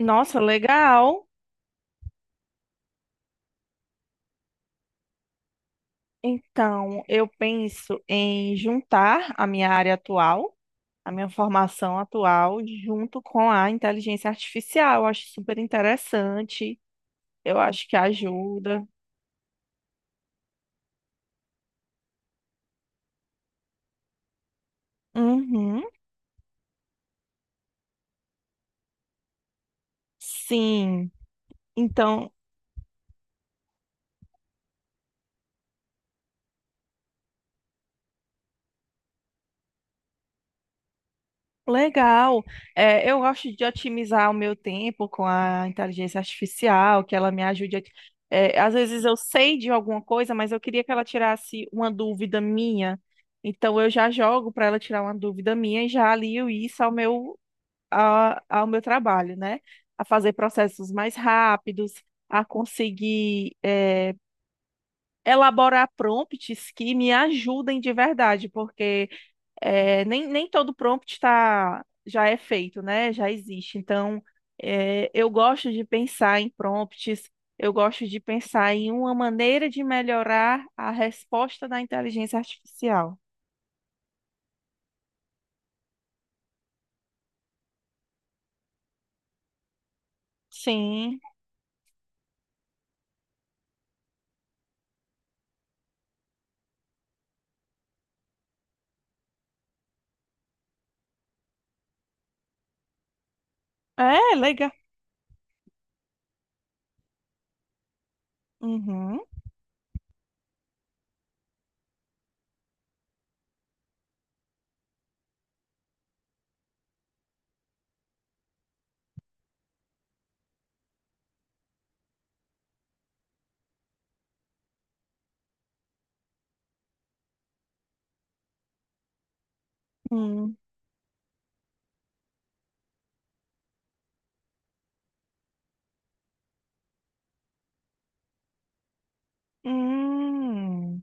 Nossa, legal. Então, eu penso em juntar a minha área atual, a minha formação atual, junto com a inteligência artificial. Eu acho super interessante. Eu acho que ajuda. Uhum. Sim. Então, legal. É, eu gosto de otimizar o meu tempo com a inteligência artificial, que ela me ajude a... às vezes eu sei de alguma coisa, mas eu queria que ela tirasse uma dúvida minha. Então eu já jogo para ela tirar uma dúvida minha e já alio isso ao ao meu trabalho, né? A fazer processos mais rápidos, a conseguir, elaborar prompts que me ajudem de verdade, porque nem todo prompt tá, já é feito, né? Já existe. Então, eu gosto de pensar em prompts, eu gosto de pensar em uma maneira de melhorar a resposta da inteligência artificial. Sim. É, legal. Uhum. Hum. Hum.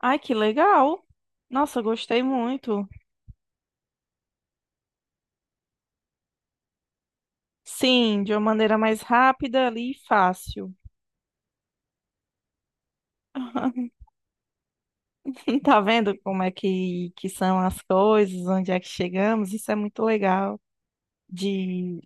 Ai, que legal. Nossa, gostei muito. Sim, de uma maneira mais rápida ali e fácil. E tá vendo como é que são as coisas, onde é que chegamos? Isso é muito legal de,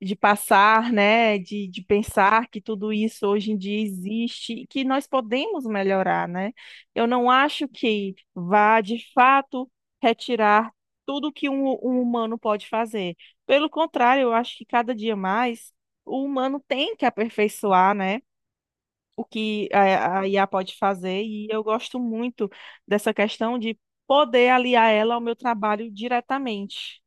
de passar, né? De pensar que tudo isso hoje em dia existe e que nós podemos melhorar, né? Eu não acho que vá, de fato, retirar tudo que um humano pode fazer. Pelo contrário, eu acho que cada dia mais o humano tem que aperfeiçoar, né? O que a IA pode fazer, e eu gosto muito dessa questão de poder aliar ela ao meu trabalho diretamente.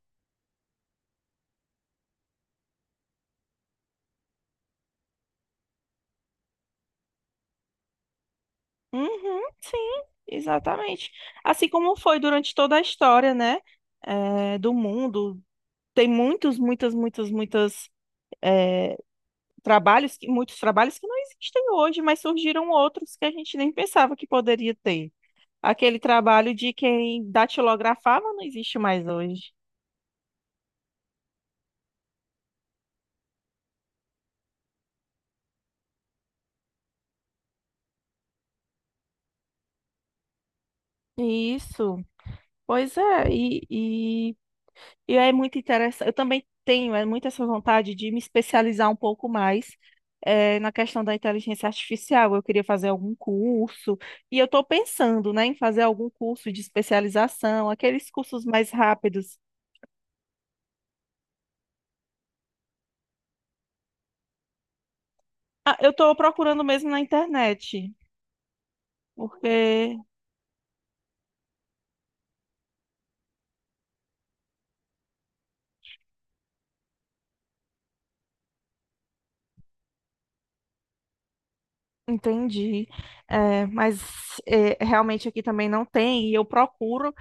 Uhum, sim, exatamente. Assim como foi durante toda a história, né, do mundo. Tem muitos, muitas, muitas eh, muitos trabalhos que não existem hoje, mas surgiram outros que a gente nem pensava que poderia ter. Aquele trabalho de quem datilografava não existe mais hoje. Isso. Pois é, e, e é muito interessante. Eu também tenho muito essa vontade de me especializar um pouco mais na questão da inteligência artificial. Eu queria fazer algum curso, e eu estou pensando, né, em fazer algum curso de especialização, aqueles cursos mais rápidos. Ah, eu estou procurando mesmo na internet, porque entendi. Mas realmente aqui também não tem, e eu procuro.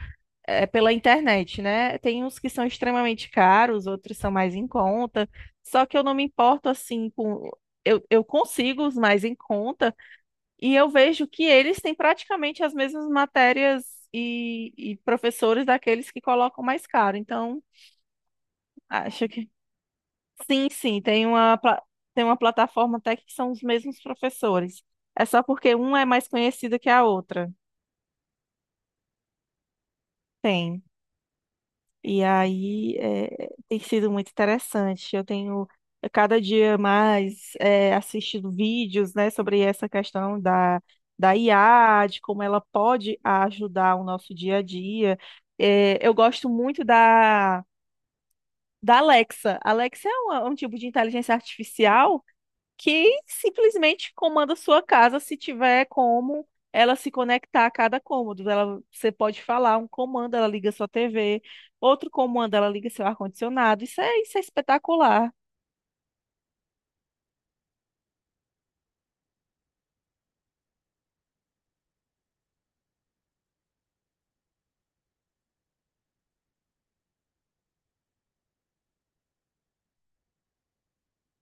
É, pela internet, né? Tem uns que são extremamente caros, outros são mais em conta. Só que eu não me importo assim com. Eu consigo os mais em conta e eu vejo que eles têm praticamente as mesmas matérias e professores daqueles que colocam mais caro. Então, acho que sim, tem uma plataforma até que são os mesmos professores. É só porque uma é mais conhecida que a outra. Tem. E tem sido muito interessante. Eu tenho cada dia mais assistido vídeos, né, sobre essa questão da IA, de como ela pode ajudar o nosso dia a dia. É, eu gosto muito da Alexa. Alexa é um tipo de inteligência artificial que simplesmente comanda sua casa se tiver como ela se conectar a cada cômodo. Ela, você pode falar um comando, ela liga sua TV, outro comando, ela liga seu ar-condicionado. Isso é espetacular.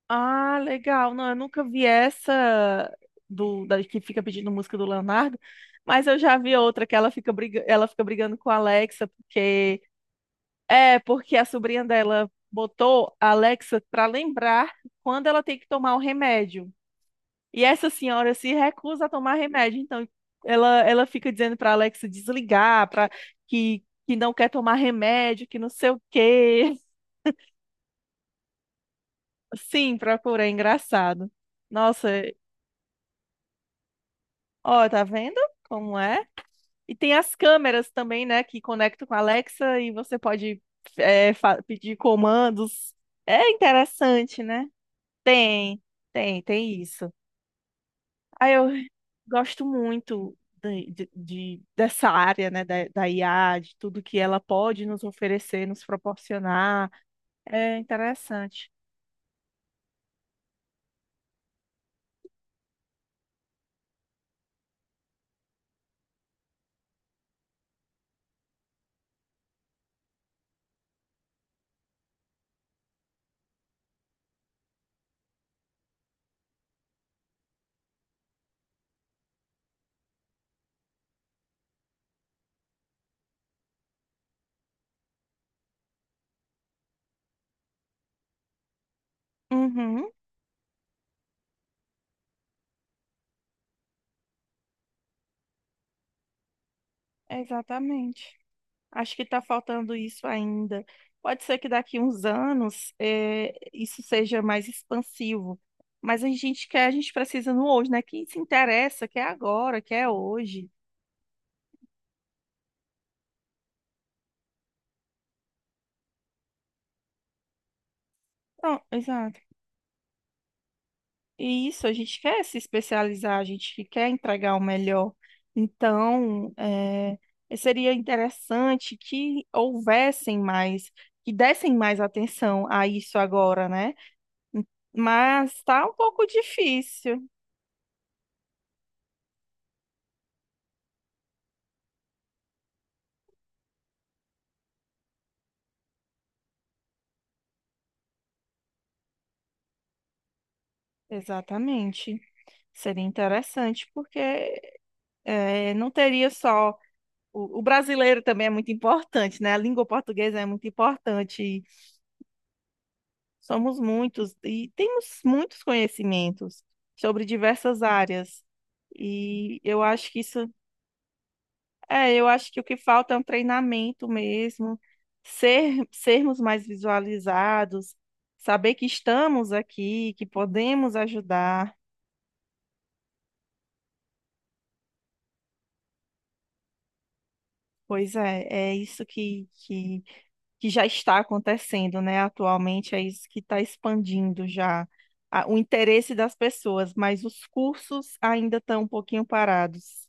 Ah, legal. Não, eu nunca vi essa que fica pedindo música do Leonardo, mas eu já vi outra que ela fica brigando com a Alexa, porque é porque a sobrinha dela botou a Alexa para lembrar quando ela tem que tomar o remédio. E essa senhora se recusa a tomar remédio. Então, ela fica dizendo para Alexa desligar, que não quer tomar remédio, que não sei o quê. Sim, procura, é engraçado. Nossa, ó, tá vendo como é? E tem as câmeras também, né, que conectam com a Alexa e você pode pedir comandos. É interessante, né? Tem, tem isso. Aí eu gosto muito dessa área, né, da IA, de tudo que ela pode nos oferecer, nos proporcionar. É interessante. Uhum, exatamente. Acho que está faltando isso ainda. Pode ser que daqui uns anos isso seja mais expansivo, mas a gente quer, a gente precisa no hoje, né? Quem se interessa, quer agora, quer hoje. Não, exato. E isso, a gente quer se especializar, a gente quer entregar o melhor. Então, seria interessante que houvessem mais, que dessem mais atenção a isso agora, né? Mas está um pouco difícil. Exatamente. Seria interessante, porque não teria só. O brasileiro também é muito importante, né? A língua portuguesa é muito importante. Somos muitos e temos muitos conhecimentos sobre diversas áreas. E eu acho que isso, eu acho que o que falta é um treinamento mesmo, sermos mais visualizados, saber que estamos aqui, que podemos ajudar. Pois é, é isso que já está acontecendo, né? Atualmente é isso que está expandindo o interesse das pessoas, mas os cursos ainda estão um pouquinho parados.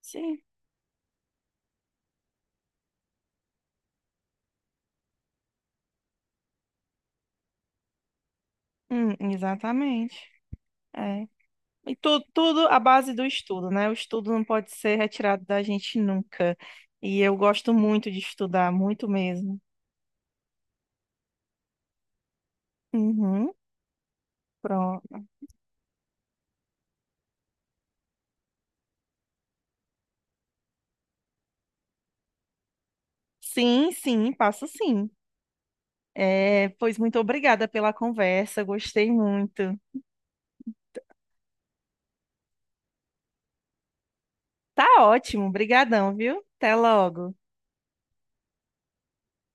Sim, hum, exatamente. É. E tudo à base do estudo, né? O estudo não pode ser retirado da gente nunca. E eu gosto muito de estudar, muito mesmo. Uhum, pronto. Sim, sim, passo sim. É, pois muito obrigada pela conversa, gostei muito. Tá ótimo, brigadão, viu? Até logo.